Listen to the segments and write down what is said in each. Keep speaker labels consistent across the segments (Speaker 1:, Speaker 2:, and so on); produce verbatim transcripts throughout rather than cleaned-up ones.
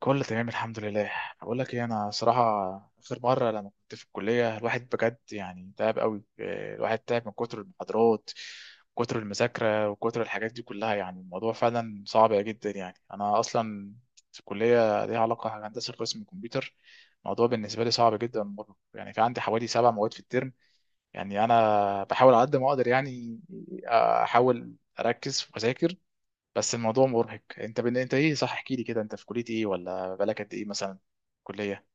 Speaker 1: كله تمام الحمد لله. بقول لك ايه، انا صراحه اخر مره لما كنت في الكليه الواحد بجد يعني تعب قوي، آه، الواحد تعب من كتر المحاضرات، كتر المذاكره وكتر الحاجات دي كلها. يعني الموضوع فعلا صعب جدا. يعني انا اصلا في الكليه ليها علاقه هندسه قسم الكمبيوتر. الموضوع بالنسبه لي صعب جدا مرة. يعني في عندي حوالي سبع مواد في الترم، يعني انا بحاول على قد ما اقدر، يعني احاول اركز واذاكر. بس الموضوع مرهق. انت بن... انت ايه؟ صح، احكي لي كده، انت في كليه ايه؟ ولا بقالك قد ايه مثلا؟ كليه.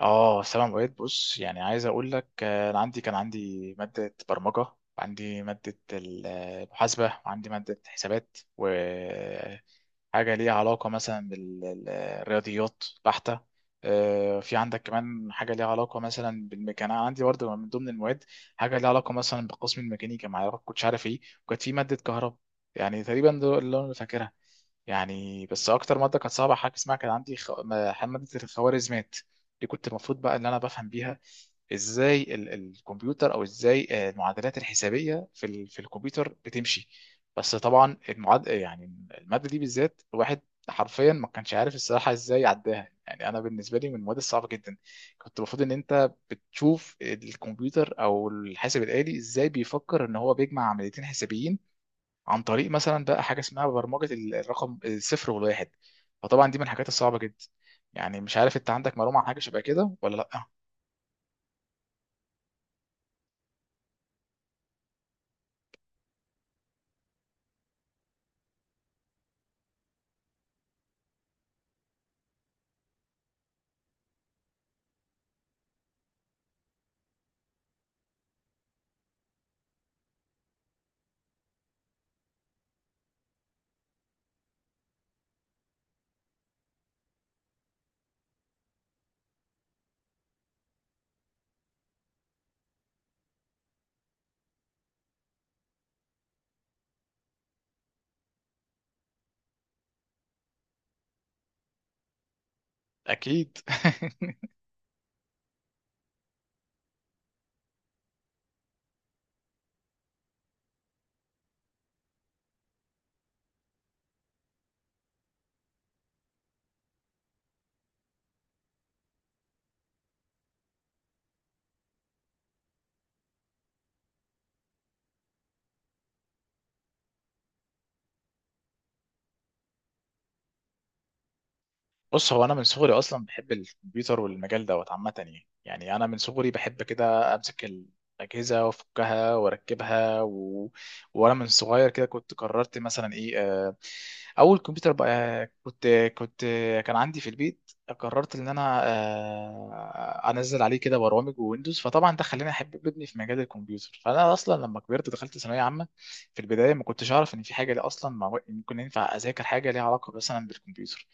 Speaker 1: اه سلام اوقات. بص يعني عايز اقول لك، آه، انا عندي كان عندي ماده برمجه، عندي ماده ال- المحاسبه، وعندي ماده حسابات، وحاجه ليها علاقه مثلا بالرياضيات بحته. آه، في عندك كمان حاجه ليها علاقه مثلا بالميكانيكا. أنا عندي برضه من ضمن المواد حاجه ليها علاقه مثلا بقسم الميكانيكا، ما أعرف- كنتش عارف ايه، وكانت في ماده كهرباء. يعني تقريبا دول اللي انا فاكرها. يعني بس اكتر ماده كانت صعبه حاجه اسمها كان عندي خ... ما- ماده الخوارزميات. دي كنت المفروض بقى ان انا بفهم بيها ازاي ال... الكمبيوتر، او ازاي آه، المعادلات الحسابيه في ال... في الكمبيوتر بتمشي. بس طبعا المعاد يعني الماده دي بالذات الواحد حرفيا ما كانش عارف الصراحه ازاي عداها. يعني انا بالنسبه لي من المواد الصعبه جدا. كنت المفروض ان انت بتشوف الكمبيوتر او الحاسب الالي ازاي بيفكر ان هو بيجمع عمليتين حسابيين عن طريق مثلا بقى حاجه اسمها برمجه ال- الرقم الصفر والواحد. فطبعا دي من الحاجات الصعبه جدا. يعني مش عارف انت عندك معلومه عن حاجه شبه كده ولا لا؟ اكيد بص، هو انا من صغري اصلا بحب الكمبيوتر والمجال دوت عامه، يعني يعني انا من صغري بحب كده امسك الاجهزه وافكها واركبها و... وانا من صغير كده كنت قررت مثلا ايه، آه، اول كمبيوتر بقى كنت كنت كان عندي في البيت قررت ان انا آه، انزل عليه كده برامج وويندوز. فطبعا ده خلاني احب ابني في مجال الكمبيوتر. فانا اصلا لما كبرت دخلت ثانويه عامه. في البدايه ما كنتش اعرف ان في حاجه ليه اصلا مع- ممكن ينفع اذاكر حاجه ليها علاقه مثلا بالكمبيوتر.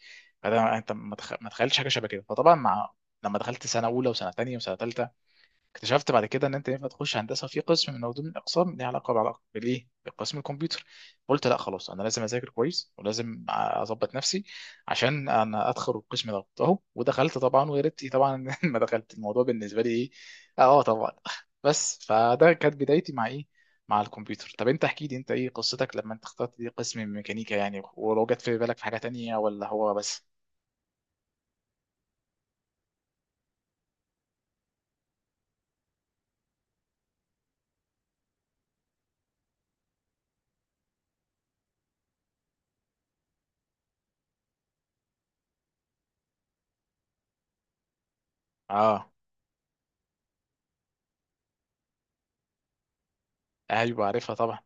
Speaker 1: فده انت ما تخ- ما تخيلتش حاجه شبه كده. فطبعا مع لما دخلت سنه اولى وسنه تانية وسنه تالتة اكتشفت بعد كده ان انت ينفع تخش هندسه في قسم من ضمن الاقسام ليها علاقه بعلاقه بالايه بقسم الكمبيوتر. قلت لا خلاص، انا لازم اذاكر كويس ولازم اظبط نفسي عشان انا ادخل القسم ده اهو. ودخلت طبعا، ويا ريتني طبعا ما دخلت. الموضوع بالنسبه لي ايه. اه طبعا. بس فده كانت بدايتي مع ايه، مع الكمبيوتر. طب انت احكي لي، انت ايه قصتك لما انت اخترت دي قسم ميكانيكا يعني، ولو جت في بالك في حاجه تانية ولا هو بس؟ اه. ايوه عارفها طبعا.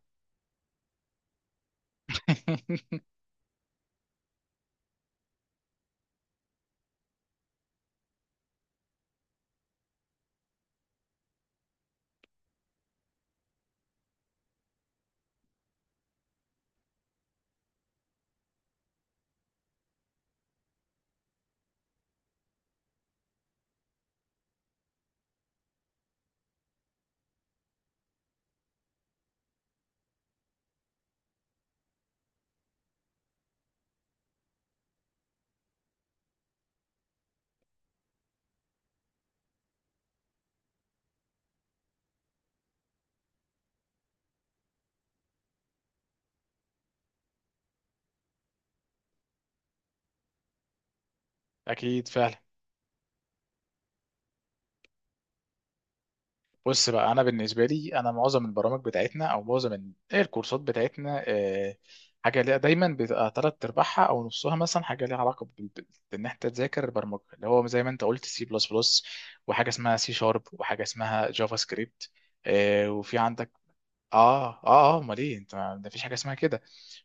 Speaker 1: اكيد فعلا. بص بقى، انا بالنسبه لي انا معظم البرامج بتاعتنا او معظم ال- إيه الكورسات بتاعتنا، آه، حاجه ليها دايما بتبقى تلات ارباعها او نصها مثلا حاجه ليها علاقه بال- بال- بان انت تذاكر البرمجه، اللي هو زي ما انت قلت سي بلس بلس، وحاجه اسمها سي شارب، وحاجه اسمها جافا سكريبت، آه، وفي عندك. اه اه اه، امال ايه انت، ده مفيش حاجه اسمها كده.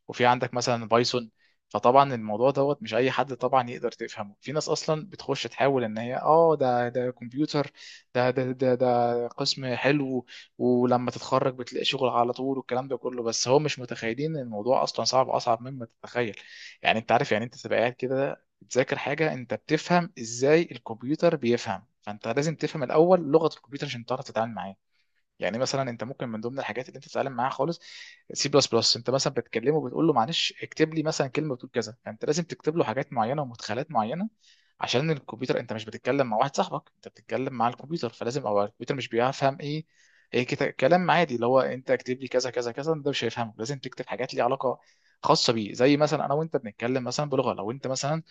Speaker 1: وفي عندك مثلا بايثون. فطبعا الموضوع دوت مش اي حد طبعا يقدر تفهمه. في ناس اصلا بتخش تحاول ان هي اه ده ده كمبيوتر، ده ده ده ده قسم حلو، ولما تتخرج بتلاقي شغل على طول والكلام ده كله. بس هو مش متخيلين ان الموضوع اصلا صعب، اصعب مما تتخيل. يعني انت عارف يعني انت تبقى قاعد كده بتذاكر حاجه انت بتفهم ازاي الكمبيوتر بيفهم. فانت لازم تفهم الاول لغه الكمبيوتر عشان تعرف تتعامل معاه. يعني مثلا انت ممكن من ضمن الحاجات اللي انت تتعلم معاها خالص سي بلس بلس، انت مثلا بتكلمه بتقول له معلش اكتب لي مثلا كلمه بتقول كذا. فانت لازم تكتب له حاجات معينه ومدخلات معينه عشان الكمبيوتر. انت مش بتتكلم مع واحد صاحبك، انت بتتكلم مع الكمبيوتر. فلازم، او الكمبيوتر مش بيفهم ايه، ايه كت- كلام عادي اللي هو انت اكتب لي كذا كذا كذا، ده مش هيفهمه. لازم تكتب حاجات ليها علاقه خاصه بيه. زي مثلا انا وانت بنتكلم مثلا بلغه، لو انت مثلا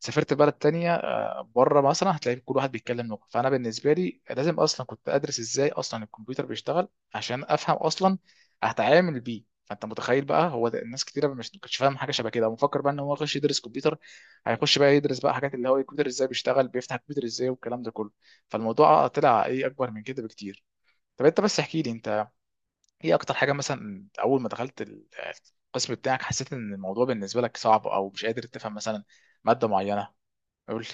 Speaker 1: سافرت بلد تانية بره مثلا هتلاقي كل واحد بيتكلم لغه. فانا بالنسبه لي لازم اصلا كنت ادرس ازاي اصلا الكمبيوتر بيشتغل عشان افهم اصلا هتعامل بيه. فانت متخيل بقى، هو ده. الناس كتيره مش ما كانتش فاهم حاجه شبه كده ومفكر بقى ان هو يخش يدرس كمبيوتر، هيخش بقى يدرس بقى حاجات اللي هو الكمبيوتر ازاي بيشتغل، بيفتح الكمبيوتر ازاي، والكلام ده كله. فالموضوع طلع ايه، اكبر من كده بكتير. طب انت بس احكي لي، انت ايه اكتر حاجه مثلا اول ما دخلت ال- القسم بتاعك حسيت ان الموضوع بالنسبه لك صعب، او مش قادر تفهم مثلا ماده معينه؟ قول لي.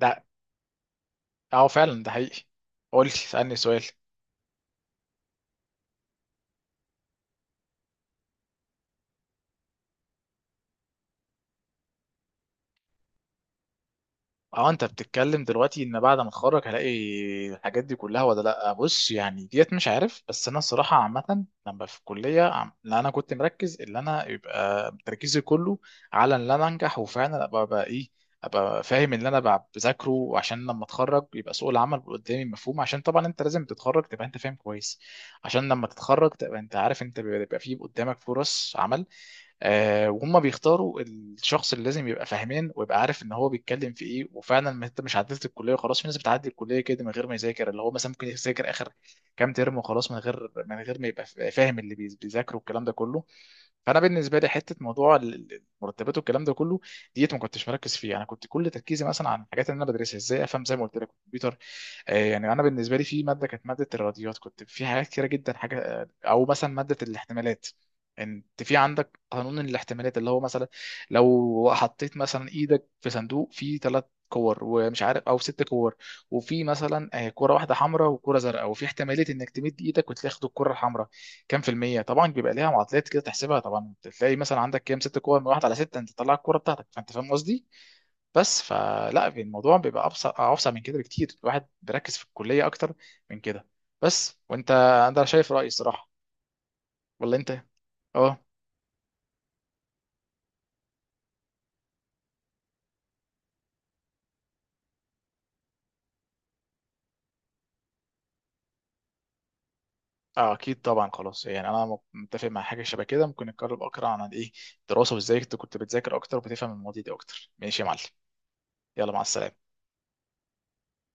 Speaker 1: ده اه فعلا، ده حقيقي. قول لي، اسالني سؤال. اه انت بتتكلم دلوقتي ان بعد ما اتخرج هلاقي الحاجات دي كلها ولا لا؟ بص يعني ديت مش عارف، بس انا الصراحه عامه لما في الكليه عم- لا، انا كنت مركز اللي انا يبقى تركيزي كله على ان انا انجح، وفعلا ابقى بقى ايه، ابقى فاهم اللي انا بقى بذاكره، وعشان لما اتخرج يبقى سوق العمل قدامي مفهوم. عشان طبعا انت لازم تتخرج تبقى انت فاهم كويس عشان لما تتخرج تبقى انت عارف انت بيبقى بيبقى فيه قدامك فرص عمل، آه، وهم بيختاروا الشخص اللي لازم يبقى فاهمان ويبقى عارف ان هو بيتكلم في ايه. وفعلا ما انت مش عدلت الكليه وخلاص، في ناس بتعدي الكليه كده من غير ما يذاكر، اللي هو مثلا ممكن يذاكر اخر كام ترم وخلاص، من غير من غير ما يبقى فاهم اللي بيذاكره والكلام ده كله. فانا بالنسبه لي حته موضوع ال- ال- المرتبات والكلام ده كله ديت ما كنتش مركز فيه. انا كنت كل تركيزي مثلا عن الحاجات اللي انا بدرسها ازاي افهم زي ما قلت لك الكمبيوتر. آه، يعني انا بالنسبه لي في ماده كانت ماده الرياضيات، كنت في حاجات كتيره جدا حاجه آه، او مثلا ماده الاحتمالات. انت في عندك قانون الاحتمالات اللي هو مثلا لو حطيت مثلا ايدك في صندوق فيه ثلاث كور، ومش عارف او ست كور، وفي مثلا آه، كره واحده حمراء وكره زرقاء، وفي احتماليه انك تمد ايدك وتاخد الكره الحمراء كام في المية. طبعا بيبقى ليها معادلات كده تحسبها، طبعا تلاقي مثلا عندك كام ست كور، من واحد على ستة انت تطلع الكورة بتاعتك. فانت فاهم قصدي؟ بس فلا الموضوع بيبقى ابسط ابسط من كده بكتير. الواحد بيركز في الكلية اكتر من كده. بس وانت، انا شايف رأيي الصراحة، ولا انت؟ اه اه، اكيد طبعا خلاص، يعني انا متفق مع حاجة شبه كده. ممكن نتكلم اكتر عن ايه، الدراسة وازاي كنت كنت بتذاكر اكتر وبتفهم المواضيع دي اكتر. ماشي يا معلم، يلا مع السلامة.